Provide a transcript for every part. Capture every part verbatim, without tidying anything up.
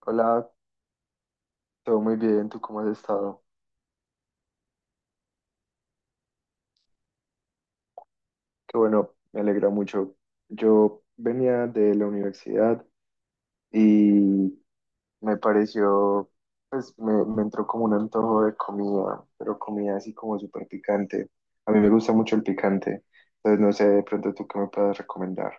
Hola, todo muy bien, ¿tú cómo has estado? Qué bueno, me alegra mucho. Yo venía de la universidad y me pareció, pues me, me entró como un antojo de comida, pero comida así como súper picante. A mí me gusta mucho el picante, entonces no sé de pronto tú qué me puedes recomendar.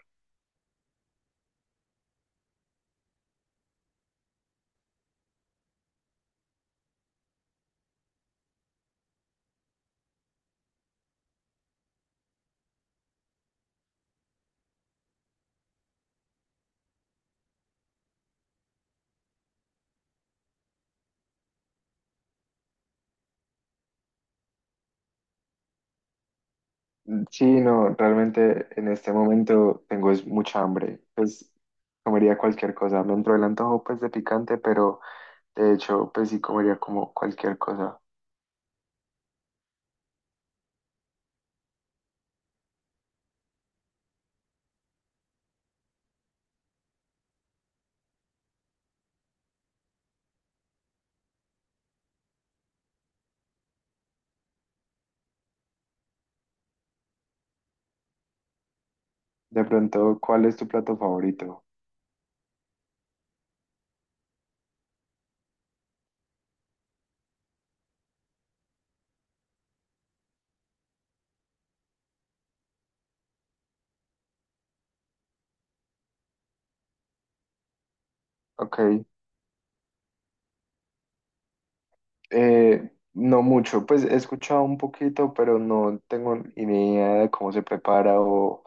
Mm, sí, no, realmente en este momento tengo es mucha hambre, pues comería cualquier cosa. Me entró el antojo pues de picante, pero de hecho pues sí comería como cualquier cosa. De pronto, ¿cuál es tu plato favorito? Ok, eh, no mucho, pues he escuchado un poquito, pero no tengo ni idea de cómo se prepara o,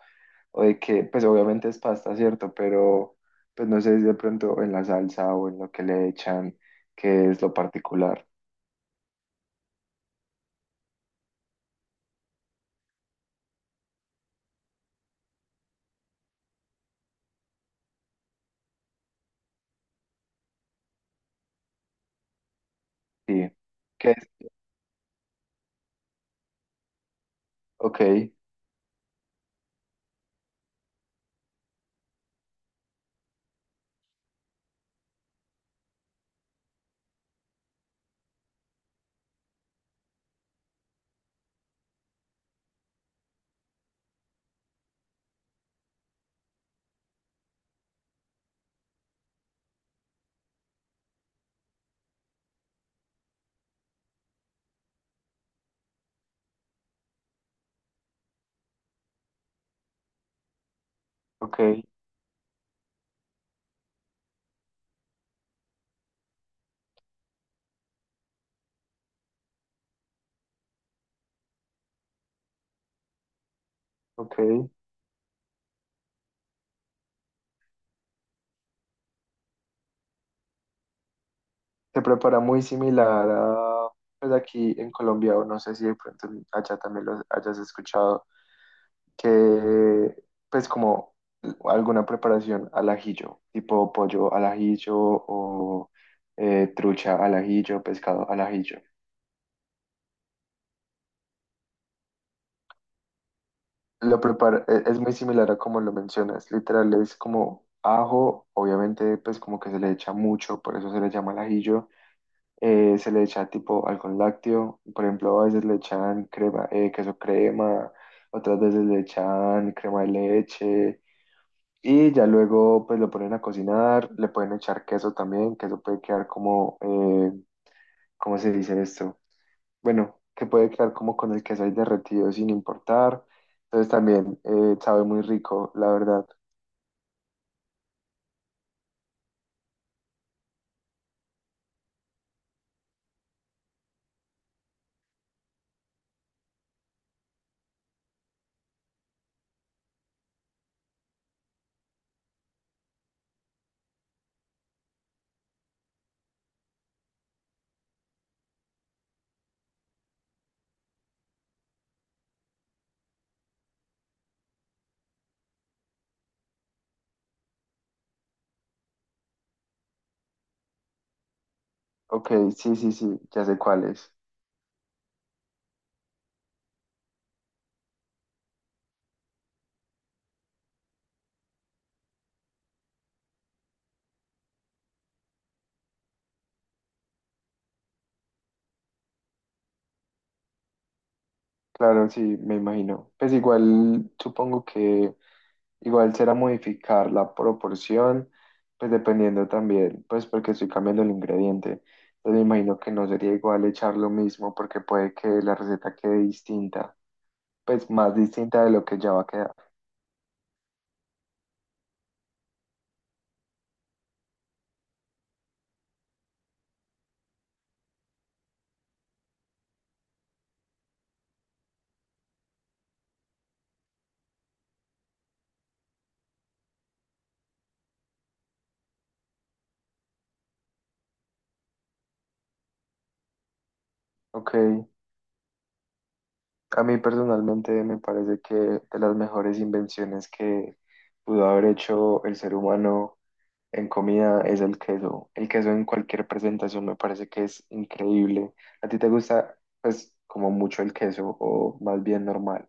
o de qué, pues obviamente es pasta, ¿cierto? Pero pues no sé si de pronto en la salsa o en lo que le echan, qué es lo particular. Sí, ¿qué es? Ok, ok, ok. Se prepara muy similar a, pues aquí en Colombia, o no sé si de pronto allá también lo hayas escuchado que pues como alguna preparación al ajillo, tipo pollo al ajillo o eh, trucha al ajillo, pescado al ajillo. Lo prepara, e- es muy similar a como lo mencionas, literal es como ajo, obviamente pues como que se le echa mucho, por eso se le llama al ajillo, eh, se le echa tipo algún lácteo, por ejemplo a veces le echan crema, eh, queso crema, otras veces le echan crema de leche. Y ya luego pues lo ponen a cocinar, le pueden echar queso también, que eso puede quedar como, eh, ¿cómo se dice esto? Bueno, que puede quedar como con el queso ahí derretido sin importar. Entonces también eh, sabe muy rico, la verdad. Ok, sí, sí, sí, ya sé cuál es. Claro, sí, me imagino. Pues igual, supongo que igual será modificar la proporción, pues dependiendo también, pues porque estoy cambiando el ingrediente. Entonces me imagino que no sería igual echar lo mismo porque puede que la receta quede distinta, pues más distinta de lo que ya va a quedar. Ok, a mí personalmente me parece que de las mejores invenciones que pudo haber hecho el ser humano en comida es el queso. El queso en cualquier presentación me parece que es increíble. ¿A ti te gusta, pues, como mucho el queso o más bien normal?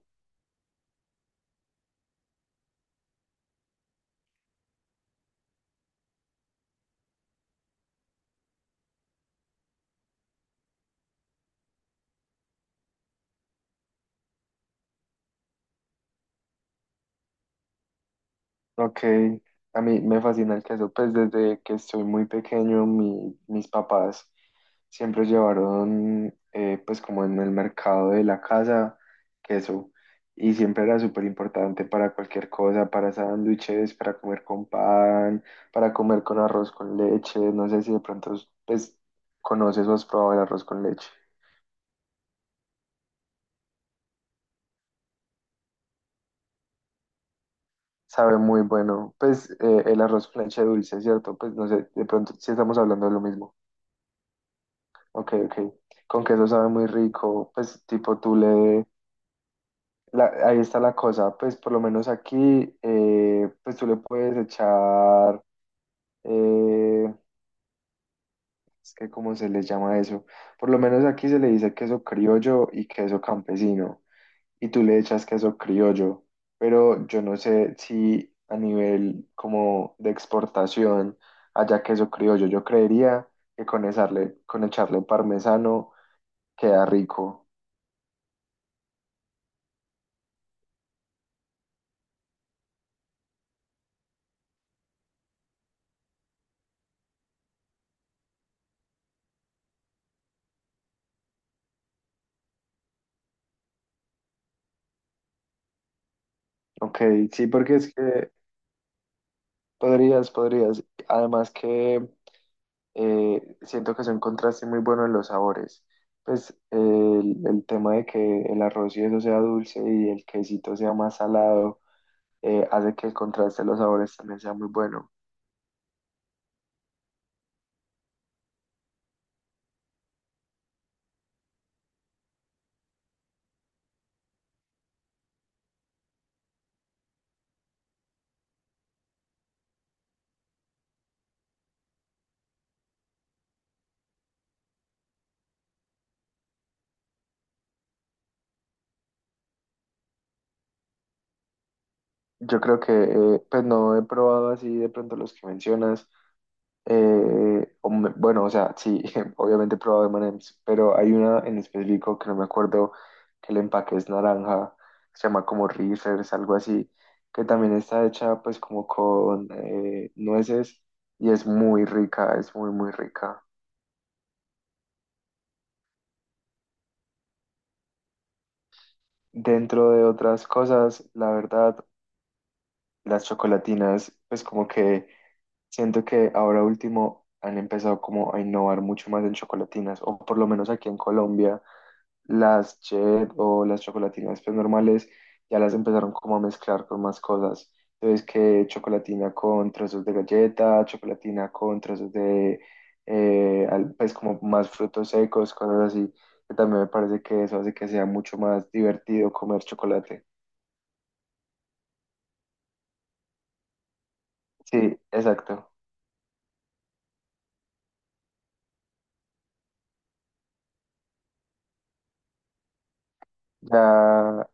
Ok, a mí me fascina el queso, pues desde que estoy muy pequeño mi- mis papás siempre llevaron eh, pues como en el mercado de la casa queso y siempre era súper importante para cualquier cosa, para sándwiches, para comer con pan, para comer con arroz con leche, no sé si de pronto pues conoces o has probado el arroz con leche. Sabe muy bueno, pues eh, el arroz con leche dulce, ¿cierto? Pues no sé, de pronto si estamos hablando de lo mismo. Ok, ok. Con queso sabe muy rico, pues tipo tú le... la- ahí está la cosa, pues por lo menos aquí, eh, pues tú le puedes echar... eh, es que cómo se les llama eso. Por lo menos aquí se le dice queso criollo y queso campesino. Y tú le echas queso criollo. Pero yo no sé si a nivel como de exportación haya queso criollo. Yo creería que con echarle, con echarle parmesano queda rico. Ok, sí, porque es que podrías, podrías. Además que eh, siento que es un contraste muy bueno en los sabores. Pues eh, el, el tema de que el arroz y eso sea dulce y el quesito sea más salado, eh, hace que el contraste de los sabores también sea muy bueno. Yo creo que, eh, pues no he probado así de pronto los que mencionas. Eh, o me- bueno, o sea, sí, obviamente he probado M and M's, pero hay una en específico que no me acuerdo, que el empaque es naranja, se llama como Reese's, algo así, que también está hecha pues como con eh, nueces y es muy rica, es muy, muy rica. Dentro de otras cosas, la verdad, las chocolatinas, pues como que siento que ahora último han empezado como a innovar mucho más en chocolatinas, o por lo menos aquí en Colombia. Las Chet o las chocolatinas pues normales ya las empezaron como a mezclar con más cosas. Entonces que chocolatina con trozos de galleta, chocolatina con trozos de eh, al- pues como más frutos secos, cosas así. Que también me parece que eso hace que sea mucho más divertido comer chocolate. Sí, exacto. Ya,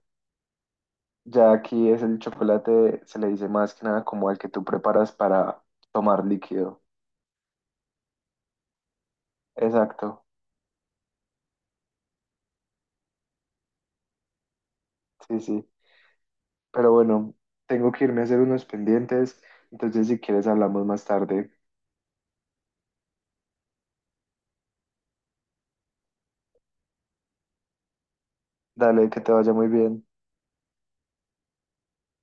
ya aquí es el chocolate, se le dice más que nada como al que tú preparas para tomar líquido. Exacto. Sí, sí. Pero bueno, tengo que irme a hacer unos pendientes, entonces si quieres hablamos más tarde. Dale, que te vaya muy bien.